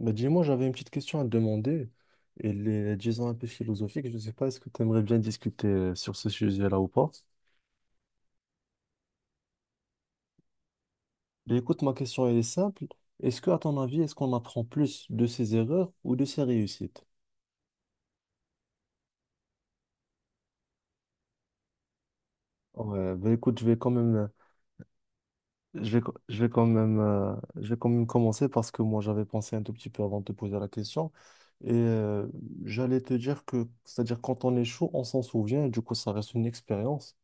Bah, dis-moi, j'avais une petite question à te demander. Elle est, disons, un peu philosophique. Je ne sais pas, est-ce que tu aimerais bien discuter sur ce sujet-là ou pas? Mais écoute, ma question, elle est simple. Est-ce que, à ton avis, est-ce qu'on apprend plus de ses erreurs ou de ses réussites? Ouais, bah, écoute, je vais quand même, je vais quand même commencer parce que moi, j'avais pensé un tout petit peu avant de te poser la question. Et j'allais te dire que, c'est-à-dire, quand on échoue, on s'en souvient, et du coup, ça reste une expérience.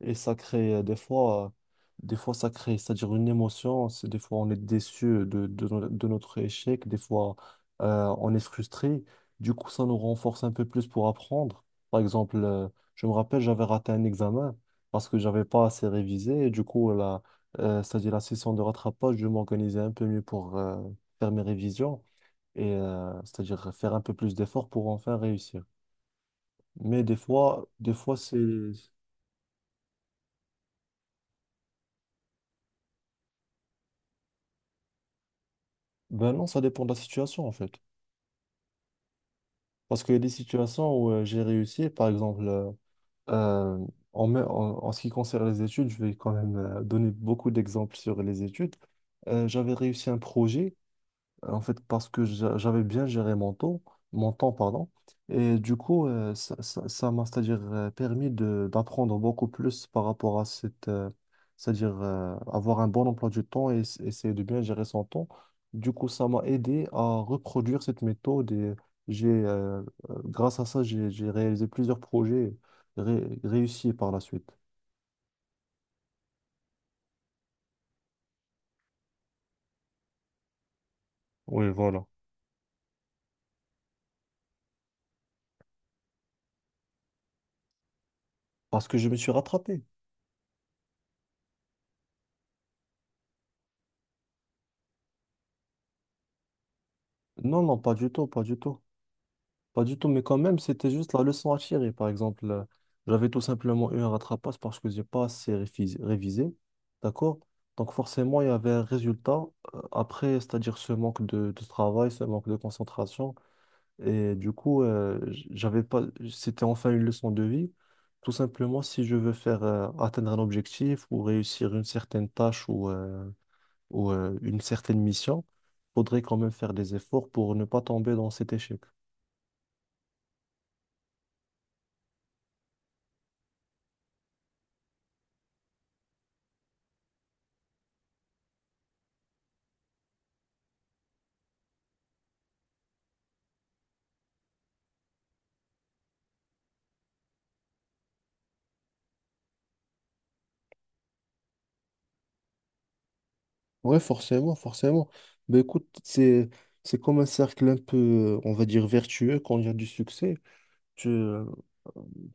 Et ça crée des fois ça crée, c'est-à-dire une émotion. C'est des fois on est déçu de, no- de notre échec, des fois on est frustré. Du coup, ça nous renforce un peu plus pour apprendre. Par exemple, je me rappelle, j'avais raté un examen parce que j'avais pas assez révisé. Et du coup, c'est-à-dire la session de rattrapage, je m'organisais un peu mieux pour faire mes révisions et c'est-à-dire faire un peu plus d'efforts pour enfin réussir. Mais des fois c'est, ben non, ça dépend de la situation en fait. Parce qu'il y a des situations où j'ai réussi, par exemple, euh, en ce qui concerne les études, je vais quand même donner beaucoup d'exemples sur les études. J'avais réussi un projet en fait, parce que j'avais bien géré mon temps, pardon. Et du coup, ça m'a, c'est-à-dire, permis de, d'apprendre beaucoup plus par rapport à cette, c'est-à-dire, avoir un bon emploi du temps et essayer de bien gérer son temps. Du coup, ça m'a aidé à reproduire cette méthode et j'ai, euh, grâce à ça, j'ai réalisé plusieurs projets réussis par la suite. Oui, voilà. Parce que je me suis rattrapé. Non, non, pas du tout, pas du tout. Pas du tout, mais quand même, c'était juste la leçon à tirer. Par exemple, j'avais tout simplement eu un rattrapage parce que j'ai pas assez révisé. D'accord? Donc forcément, il y avait un résultat après, c'est-à-dire ce manque de travail, ce manque de concentration. Et du coup, j'avais pas, c'était enfin une leçon de vie. Tout simplement, si je veux faire atteindre un objectif ou réussir une certaine tâche ou, une certaine mission, faudrait quand même faire des efforts pour ne pas tomber dans cet échec. Ouais, forcément, forcément. Mais écoute, c'est comme un cercle un peu, on va dire, vertueux quand il y a du succès. Tu, euh,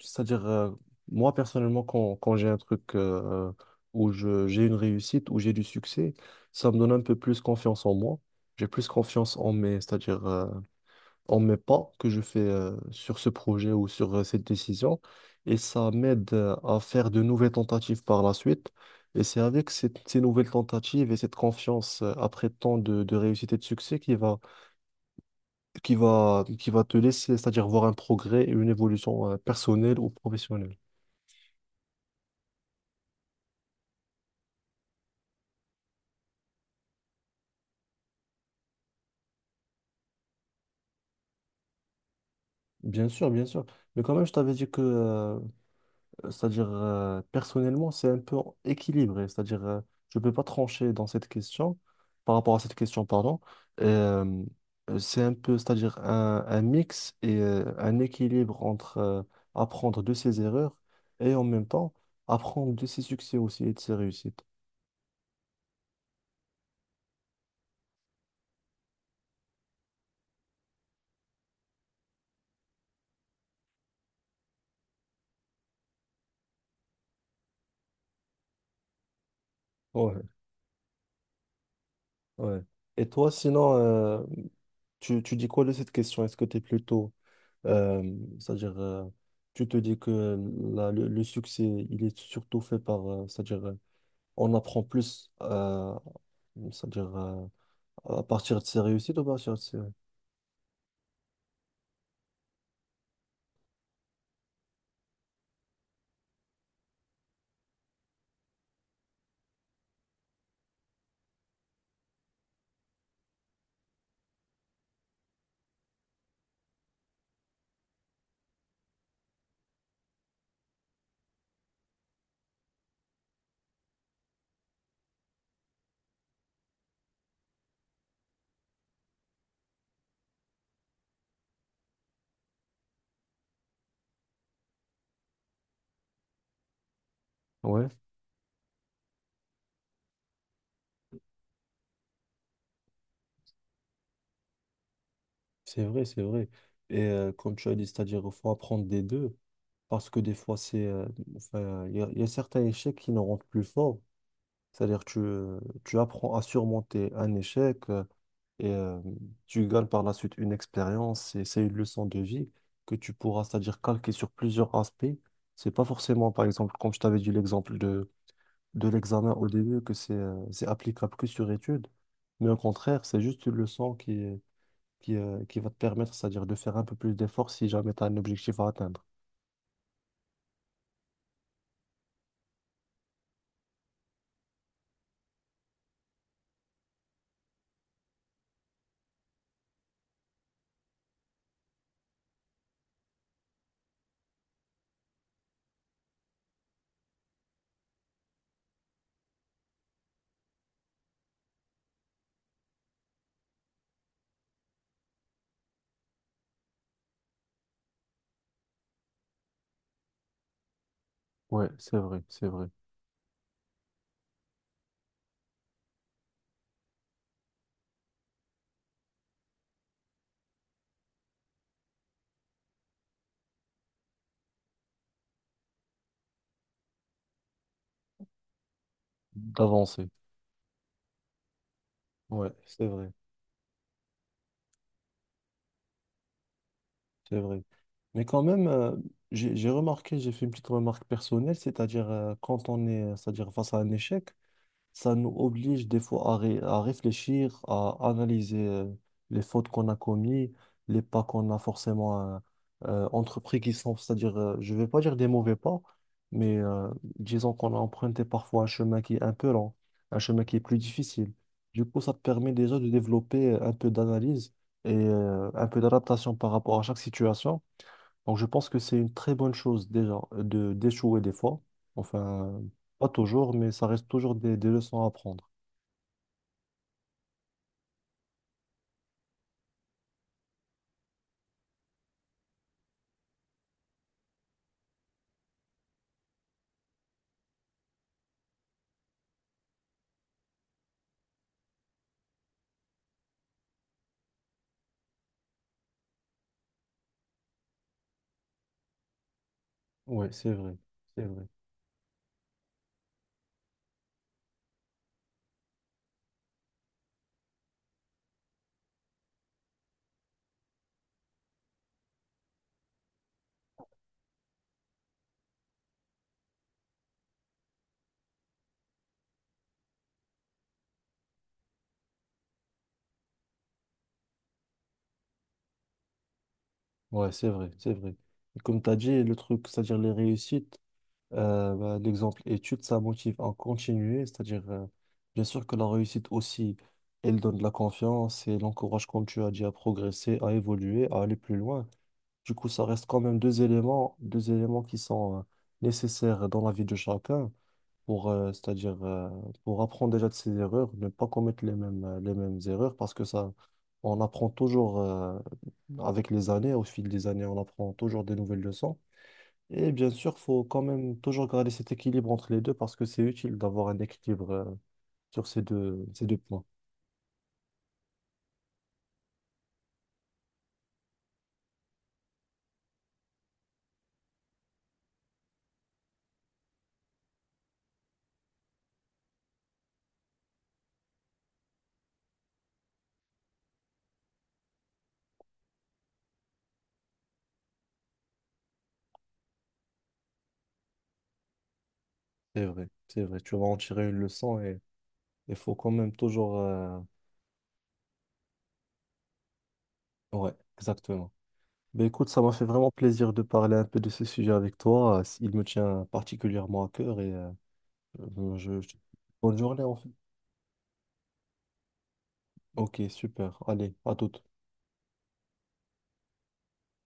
c'est-à-dire, euh, Moi, personnellement, quand j'ai un truc où j'ai une réussite, où j'ai du succès, ça me donne un peu plus confiance en moi. J'ai plus confiance en mes, c'est-à-dire, en mes pas que je fais sur ce projet ou sur cette décision. Et ça m'aide à faire de nouvelles tentatives par la suite. Et c'est avec ces nouvelles tentatives et cette confiance après tant de réussite et de succès qui va te laisser, c'est-à-dire voir un progrès et une évolution personnelle ou professionnelle. Bien sûr, bien sûr. Mais quand même, je t'avais dit que c'est-à-dire, personnellement, c'est un peu équilibré. C'est-à-dire, je ne peux pas trancher dans cette question, par rapport à cette question, pardon. Et, c'est un peu, c'est-à-dire, un mix et un équilibre entre apprendre de ses erreurs et en même temps apprendre de ses succès aussi et de ses réussites. Ouais, ouais. Et toi, sinon, tu dis quoi de cette question? Est-ce que tu es plutôt, euh, c'est-à-dire, euh, tu te dis que le succès, il est surtout fait par, c'est-à-dire, on apprend plus, c'est-à-dire à partir de ses réussites ou à partir de ses... Ouais, c'est vrai, c'est vrai. Et comme tu as dit, c'est-à-dire il faut apprendre des deux, parce que des fois, c'est, enfin, il y a certains échecs qui nous rendent plus forts. C'est-à-dire tu apprends à surmonter un échec et tu gagnes par la suite une expérience et c'est une leçon de vie que tu pourras, c'est-à-dire calquer sur plusieurs aspects. C'est pas forcément, par exemple, comme je t'avais dit l'exemple de l'examen au début que c'est applicable que sur étude, mais au contraire, c'est juste une leçon qui va te permettre, c'est-à-dire de faire un peu plus d'efforts si jamais tu as un objectif à atteindre. Ouais, c'est vrai, c'est vrai. D'avancer. Ouais, c'est vrai, c'est vrai. Mais quand même, j'ai remarqué, j'ai fait une petite remarque personnelle, c'est-à-dire quand on est, c'est-à-dire face à un échec, ça nous oblige des fois à réfléchir, à analyser les fautes qu'on a commises, les pas qu'on a forcément entrepris qui sont, c'est-à-dire, je ne vais pas dire des mauvais pas, mais disons qu'on a emprunté parfois un chemin qui est un peu lent, un chemin qui est plus difficile. Du coup, ça te permet déjà de développer un peu d'analyse et un peu d'adaptation par rapport à chaque situation. Donc, je pense que c'est une très bonne chose déjà de d'échouer des fois. Enfin, pas toujours, mais ça reste toujours des leçons à apprendre. Oui, c'est vrai. C'est vrai. Ouais, c'est vrai, c'est vrai. Et comme tu as dit, le truc, c'est-à-dire les réussites, bah, l'exemple études, ça motive à continuer. C'est-à-dire, bien sûr que la réussite aussi, elle donne de la confiance et l'encourage, comme tu as dit, à progresser, à évoluer, à aller plus loin. Du coup, ça reste quand même deux éléments qui sont, nécessaires dans la vie de chacun. Pour, pour apprendre déjà de ses erreurs, ne pas commettre les mêmes erreurs, parce que ça, on apprend toujours, avec les années, au fil des années, on apprend toujours des nouvelles leçons. Et bien sûr, faut quand même toujours garder cet équilibre entre les deux, parce que c'est utile d'avoir un équilibre, sur ces deux points. C'est vrai, c'est vrai. Tu vas en tirer une leçon et il faut quand même toujours, ouais, exactement. Ben écoute, ça m'a fait vraiment plaisir de parler un peu de ce sujet avec toi. Il me tient particulièrement à cœur et Euh, je- je- bonne journée en fait. Ok, super. Allez, à toute.